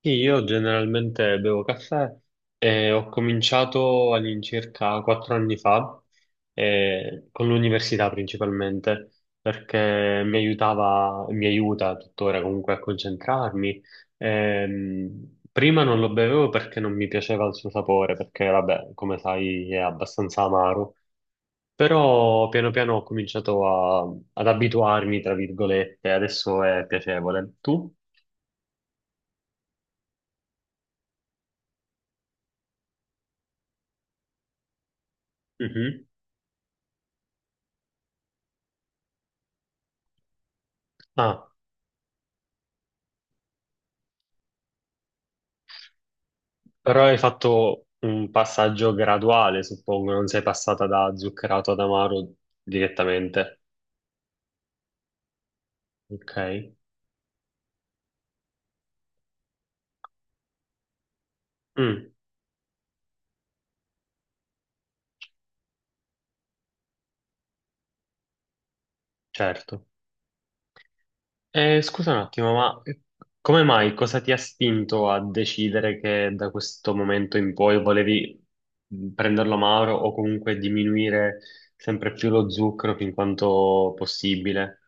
Sì, io generalmente bevo caffè e ho cominciato all'incirca 4 anni fa, con l'università principalmente, perché mi aiutava, mi aiuta tuttora comunque a concentrarmi. Prima non lo bevevo perché non mi piaceva il suo sapore, perché vabbè, come sai, è abbastanza amaro. Però piano piano ho cominciato ad abituarmi, tra virgolette, adesso è piacevole. Tu? Mhm. Però hai fatto un passaggio graduale, suppongo, non sei passata da zuccherato ad amaro direttamente. Ok? Mm, certo. E scusa un attimo, ma come mai, cosa ti ha spinto a decidere che da questo momento in poi volevi prenderlo amaro o comunque diminuire sempre più lo zucchero fin quanto possibile?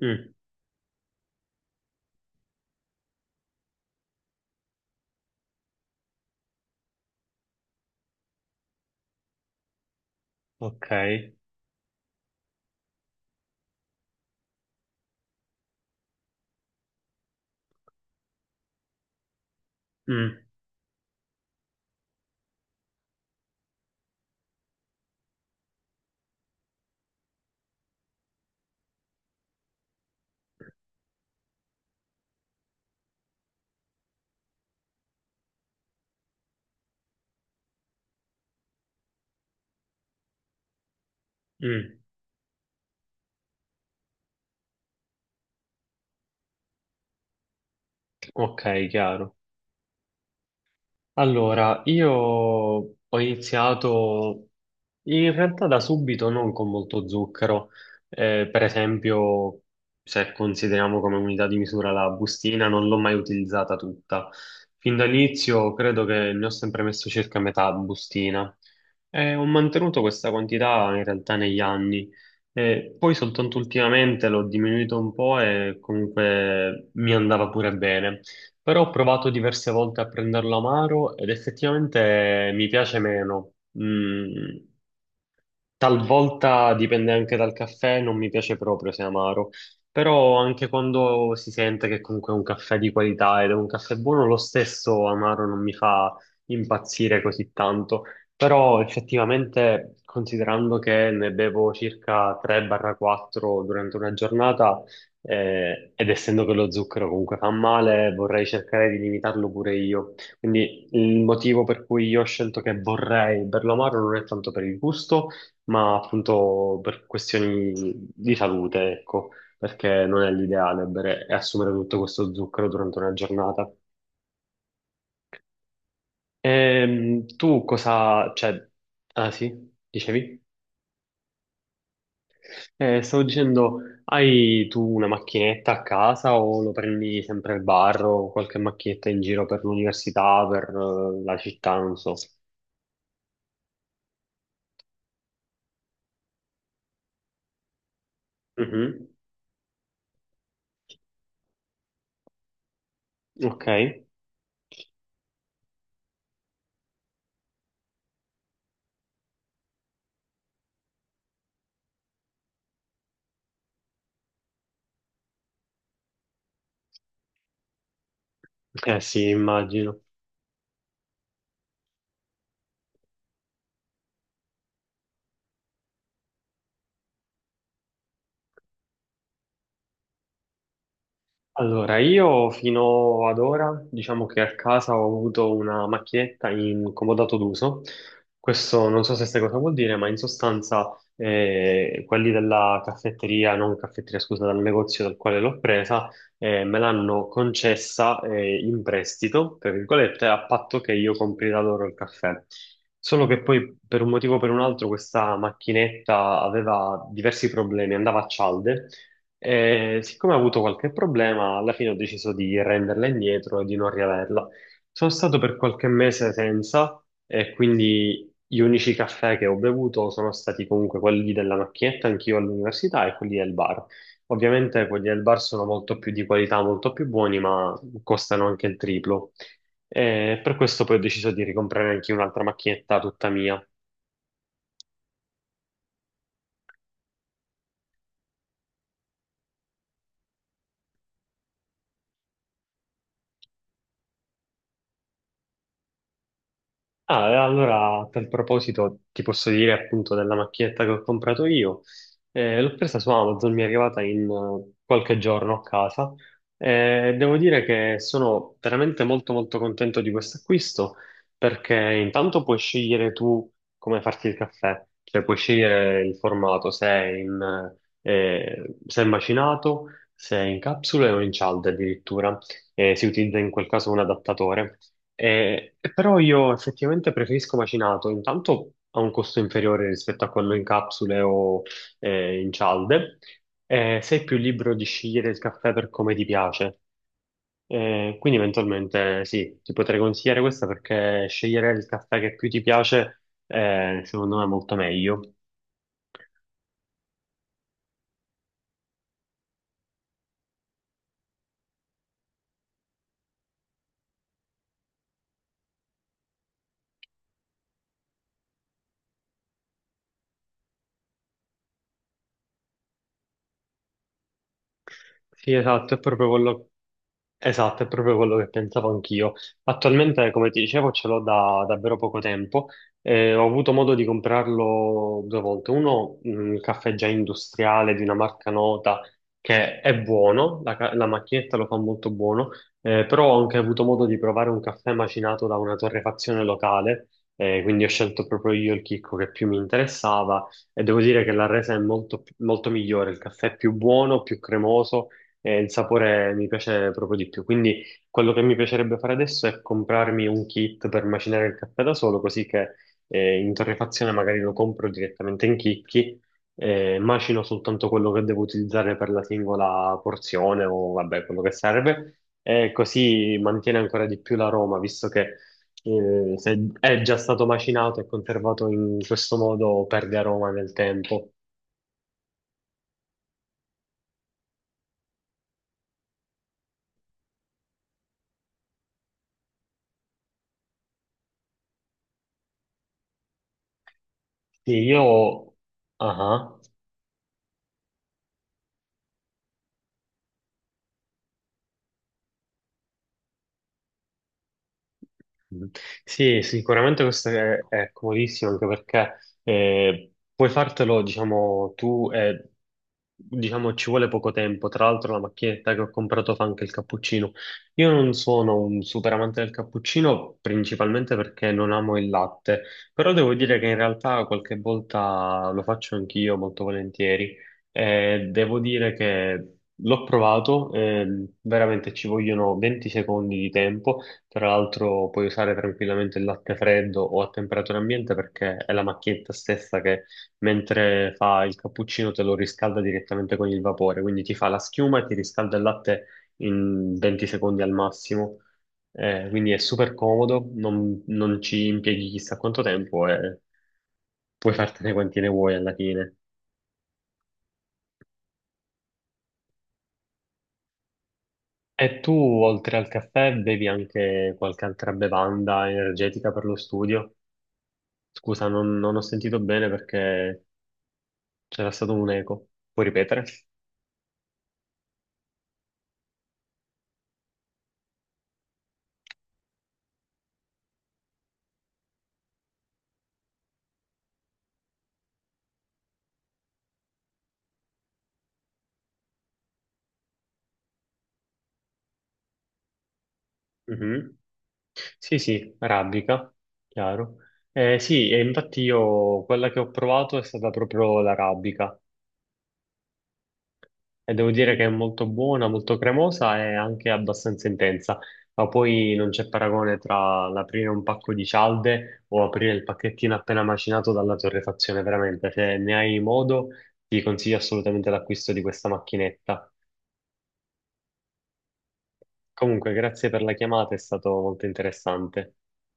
Mm, ok. Mm, mm, ok, chiaro. Allora, io ho iniziato in realtà da subito, non con molto zucchero. Per esempio, se consideriamo come unità di misura la bustina, non l'ho mai utilizzata tutta. Fin dall'inizio credo che ne ho sempre messo circa metà bustina. Ho mantenuto questa quantità in realtà negli anni. Poi soltanto ultimamente l'ho diminuito un po' e comunque mi andava pure bene, però ho provato diverse volte a prenderlo amaro ed effettivamente mi piace meno. Mm. Talvolta dipende anche dal caffè, non mi piace proprio se è amaro, però anche quando si sente che comunque è un caffè di qualità ed è un caffè buono, lo stesso amaro non mi fa impazzire così tanto. Però effettivamente, considerando che ne bevo circa 3-4 durante una giornata, ed essendo che lo zucchero comunque fa male, vorrei cercare di limitarlo pure io. Quindi il motivo per cui io ho scelto che vorrei berlo amaro non è tanto per il gusto ma appunto per questioni di salute, ecco, perché non è l'ideale bere e assumere tutto questo zucchero durante una giornata. Tu cosa, cioè, ah sì, dicevi? Stavo dicendo, hai tu una macchinetta a casa o lo prendi sempre al bar o qualche macchinetta in giro per l'università, per la città, non so. Mhm. Ok, eh sì, immagino. Allora, io fino ad ora, diciamo che a casa ho avuto una macchinetta in comodato d'uso. Questo non so se sai cosa vuol dire, ma in sostanza quelli della caffetteria, non caffetteria, scusa, dal negozio dal quale l'ho presa, me l'hanno concessa in prestito, tra virgolette, a patto che io compri da loro il caffè. Solo che poi, per un motivo o per un altro, questa macchinetta aveva diversi problemi, andava a cialde e siccome ho avuto qualche problema, alla fine ho deciso di renderla indietro e di non riaverla. Sono stato per qualche mese senza e quindi gli unici caffè che ho bevuto sono stati comunque quelli della macchinetta, anch'io all'università, e quelli del bar. Ovviamente quelli del bar sono molto più di qualità, molto più buoni, ma costano anche il triplo. E per questo poi ho deciso di ricomprare anche un'altra macchinetta tutta mia. Ah, e allora a tal proposito ti posso dire appunto della macchinetta che ho comprato io. L'ho presa su Amazon, mi è arrivata in qualche giorno a casa. Devo dire che sono veramente molto molto contento di questo acquisto perché intanto puoi scegliere tu come farti il caffè, cioè puoi scegliere il formato, se è in, se è macinato, se è in capsule o in cialde addirittura. Si utilizza in quel caso un adattatore però io effettivamente preferisco macinato, intanto ha un costo inferiore rispetto a quello in capsule o in cialde. Sei più libero di scegliere il caffè per come ti piace. Quindi eventualmente sì, ti potrei consigliare questa perché scegliere il caffè che più ti piace secondo me è molto meglio. Sì, esatto, è proprio quello, esatto, è proprio quello che pensavo anch'io. Attualmente, come ti dicevo, ce l'ho da davvero poco tempo. Ho avuto modo di comprarlo due volte. Uno, un caffè già industriale di una marca nota che è buono, la macchinetta lo fa molto buono, però ho anche avuto modo di provare un caffè macinato da una torrefazione locale, quindi ho scelto proprio io il chicco che più mi interessava e devo dire che la resa è molto molto migliore, il caffè è più buono, più cremoso e il sapore mi piace proprio di più. Quindi quello che mi piacerebbe fare adesso è comprarmi un kit per macinare il caffè da solo, così che in torrefazione magari lo compro direttamente in chicchi, macino soltanto quello che devo utilizzare per la singola porzione o vabbè, quello che serve, e così mantiene ancora di più l'aroma, visto che se è già stato macinato e conservato in questo modo perde aroma nel tempo. Sì, ah ah. Mm. Sì, sicuramente questo è comodissimo anche perché puoi fartelo, diciamo, tu e diciamo ci vuole poco tempo. Tra l'altro la macchinetta che ho comprato fa anche il cappuccino. Io non sono un super amante del cappuccino, principalmente perché non amo il latte, però devo dire che in realtà qualche volta lo faccio anch'io molto volentieri. Devo dire che l'ho provato, veramente ci vogliono 20 secondi di tempo. Tra l'altro puoi usare tranquillamente il latte freddo o a temperatura ambiente perché è la macchinetta stessa che mentre fa il cappuccino te lo riscalda direttamente con il vapore, quindi ti fa la schiuma e ti riscalda il latte in 20 secondi al massimo. Quindi è super comodo, non ci impieghi chissà quanto tempo e puoi fartene quanti ne vuoi alla fine. E tu, oltre al caffè, bevi anche qualche altra bevanda energetica per lo studio? Scusa, non ho sentito bene perché c'era stato un eco. Puoi ripetere? Mhm. Sì, sì, arabica, chiaro. Sì, e infatti io quella che ho provato è stata proprio l'arabica e devo dire che è molto buona, molto cremosa e anche abbastanza intensa, ma poi non c'è paragone tra l'aprire un pacco di cialde o aprire il pacchettino appena macinato dalla torrefazione, veramente, se ne hai modo ti consiglio assolutamente l'acquisto di questa macchinetta. Comunque, grazie per la chiamata, è stato molto interessante.